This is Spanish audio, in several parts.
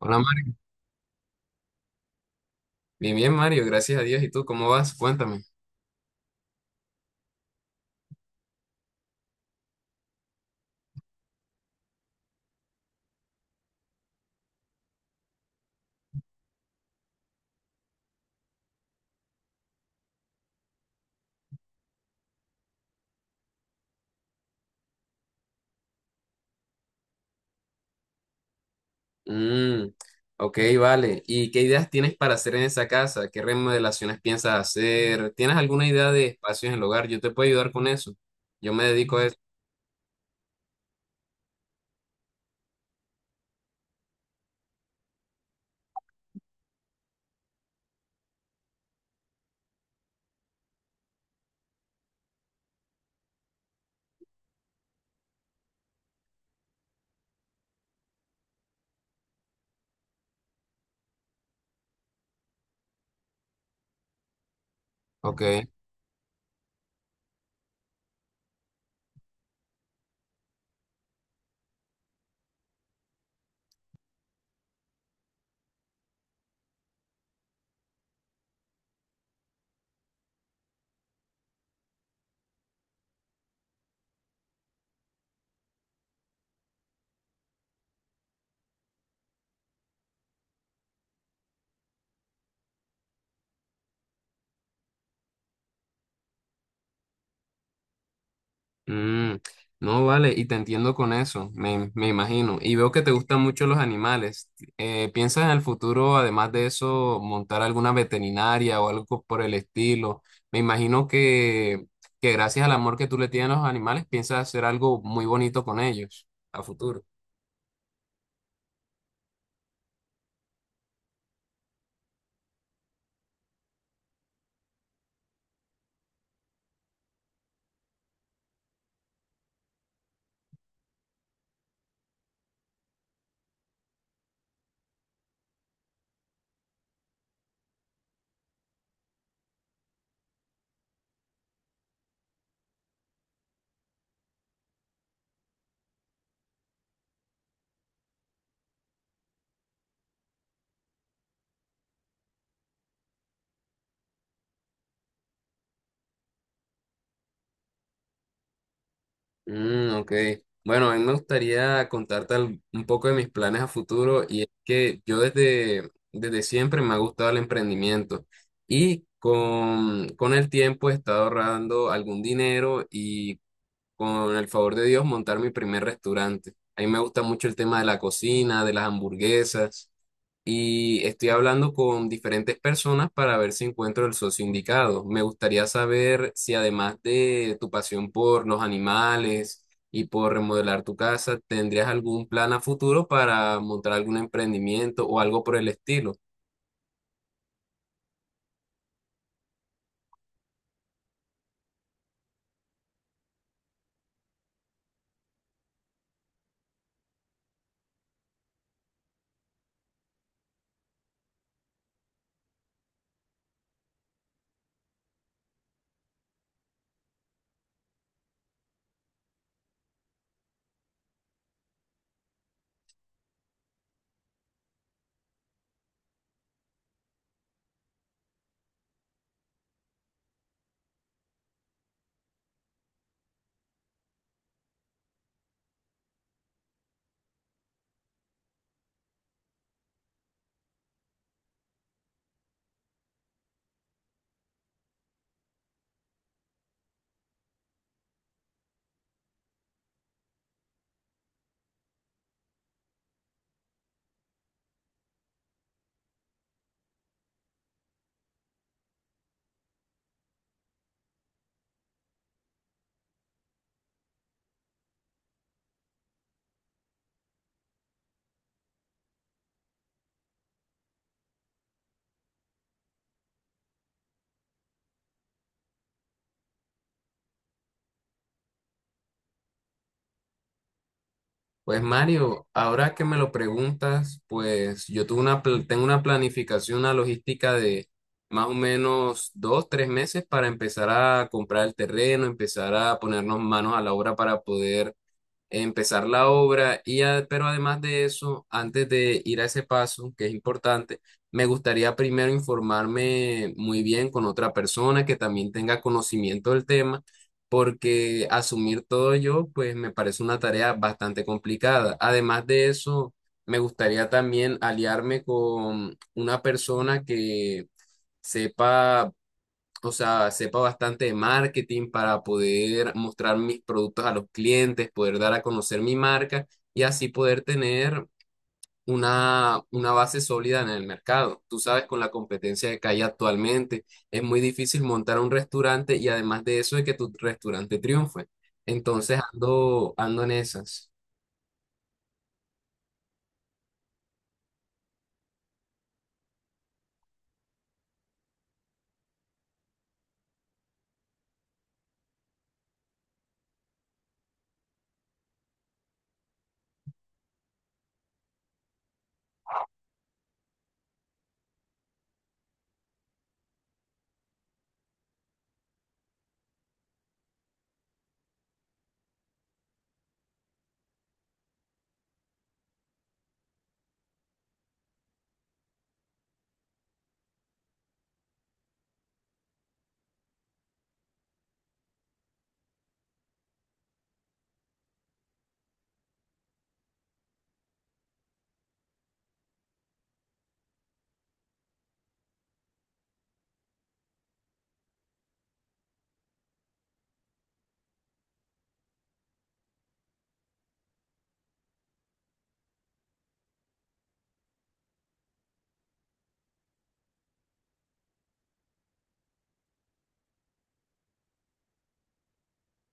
Hola Mario. Bien, bien Mario, gracias a Dios. ¿Y tú cómo vas? Cuéntame. Mm, ok, vale. ¿Y qué ideas tienes para hacer en esa casa? ¿Qué remodelaciones piensas hacer? ¿Tienes alguna idea de espacios en el hogar? Yo te puedo ayudar con eso. Yo me dedico a eso. Ok. Mm, no, vale, y te entiendo con eso, me imagino. Y veo que te gustan mucho los animales. ¿Piensas en el futuro, además de eso, montar alguna veterinaria o algo por el estilo? Me imagino que gracias al amor que tú le tienes a los animales, piensas hacer algo muy bonito con ellos a futuro. Mm, ok. Bueno, a mí me gustaría contarte un poco de mis planes a futuro y es que yo desde siempre me ha gustado el emprendimiento y con el tiempo he estado ahorrando algún dinero y con el favor de Dios montar mi primer restaurante. A mí me gusta mucho el tema de la cocina, de las hamburguesas y estoy hablando con diferentes personas para ver si encuentro el socio indicado. Me gustaría saber si además de tu pasión por los animales y por remodelar tu casa, tendrías algún plan a futuro para montar algún emprendimiento o algo por el estilo. Pues Mario, ahora que me lo preguntas, pues yo tengo una planificación, una logística de más o menos dos, tres meses para empezar a comprar el terreno, empezar a ponernos manos a la obra para poder empezar la obra pero además de eso, antes de ir a ese paso, que es importante, me gustaría primero informarme muy bien con otra persona que también tenga conocimiento del tema, porque asumir todo yo, pues me parece una tarea bastante complicada. Además de eso, me gustaría también aliarme con una persona que sepa, o sea, sepa bastante de marketing para poder mostrar mis productos a los clientes, poder dar a conocer mi marca y así poder tener una base sólida en el mercado. Tú sabes, con la competencia que hay actualmente, es muy difícil montar un restaurante y además de eso, de que tu restaurante triunfe. Entonces ando en esas.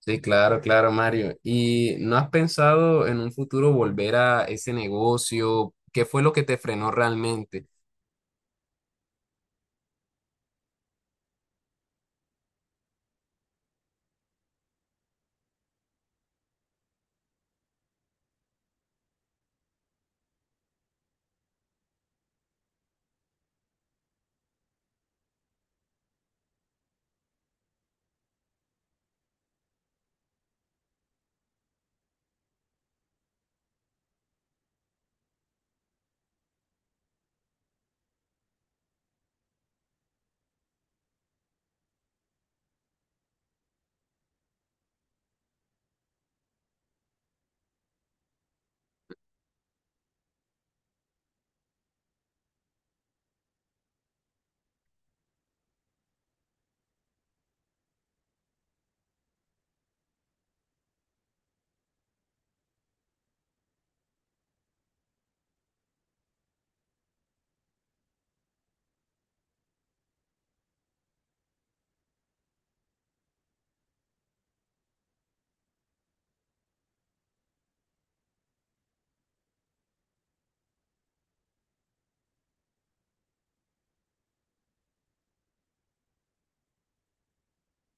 Sí, claro, claro, Mario. ¿Y no has pensado en un futuro volver a ese negocio? ¿Qué fue lo que te frenó realmente?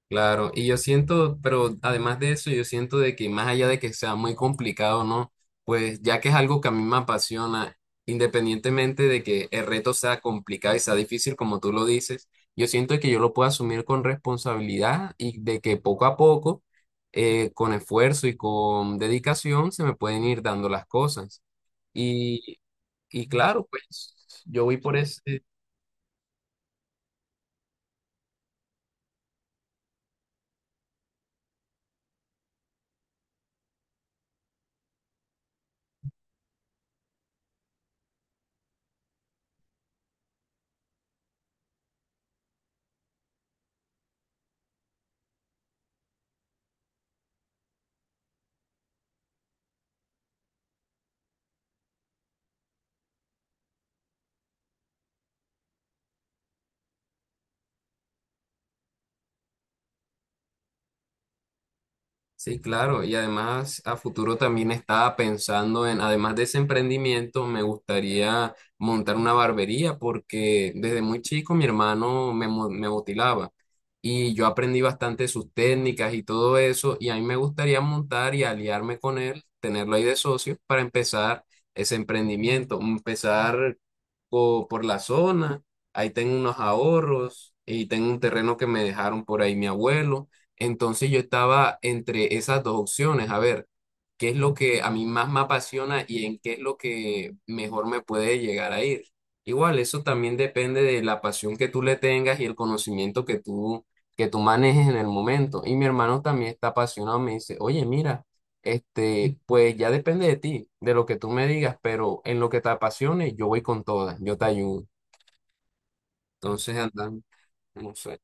Claro, y yo siento, pero además de eso, yo siento de que más allá de que sea muy complicado, ¿no? Pues ya que es algo que a mí me apasiona, independientemente de que el reto sea complicado y sea difícil, como tú lo dices, yo siento que yo lo puedo asumir con responsabilidad y de que poco a poco, con esfuerzo y con dedicación, se me pueden ir dando las cosas. Y, y claro, pues yo voy por ese. Sí, claro, y además a futuro también estaba pensando en, además de ese emprendimiento, me gustaría montar una barbería porque desde muy chico mi hermano me motilaba y yo aprendí bastante sus técnicas y todo eso y a mí me gustaría montar y aliarme con él, tenerlo ahí de socio para empezar ese emprendimiento, empezar por la zona, ahí tengo unos ahorros y tengo un terreno que me dejaron por ahí mi abuelo. Entonces yo estaba entre esas dos opciones, a ver, qué es lo que a mí más me apasiona y en qué es lo que mejor me puede llegar a ir. Igual, eso también depende de la pasión que tú le tengas y el conocimiento que tú manejes en el momento. Y mi hermano también está apasionado, me dice, oye, mira, este, pues ya depende de ti, de lo que tú me digas, pero en lo que te apasione, yo voy con todas, yo te ayudo. Entonces andan, no sé.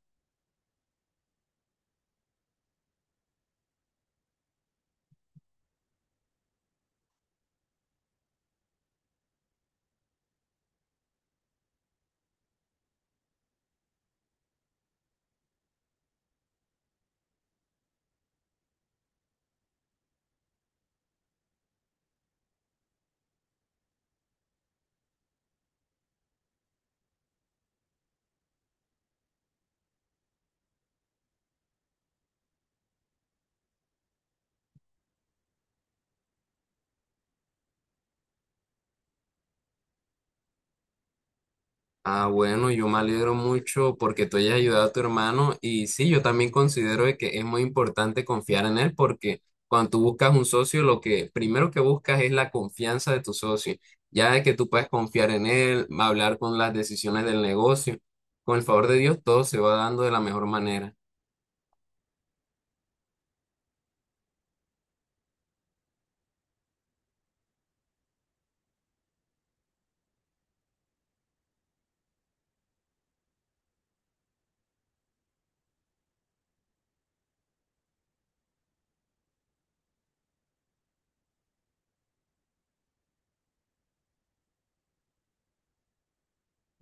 Ah, bueno, yo me alegro mucho porque tú hayas ayudado a tu hermano y sí, yo también considero de que es muy importante confiar en él porque cuando tú buscas un socio, lo que primero que buscas es la confianza de tu socio, ya de que tú puedes confiar en él, hablar con las decisiones del negocio, con el favor de Dios, todo se va dando de la mejor manera.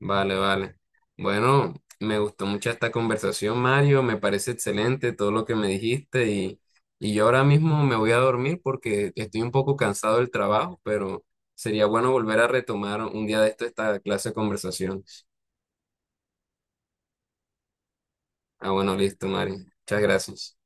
Vale, vale. Bueno, me gustó mucho esta conversación, Mario. Me parece excelente todo lo que me dijiste y yo ahora mismo me voy a dormir porque estoy un poco cansado del trabajo, pero sería bueno volver a retomar un día de esto esta clase de conversaciones. Ah, bueno, listo, Mario. Muchas gracias.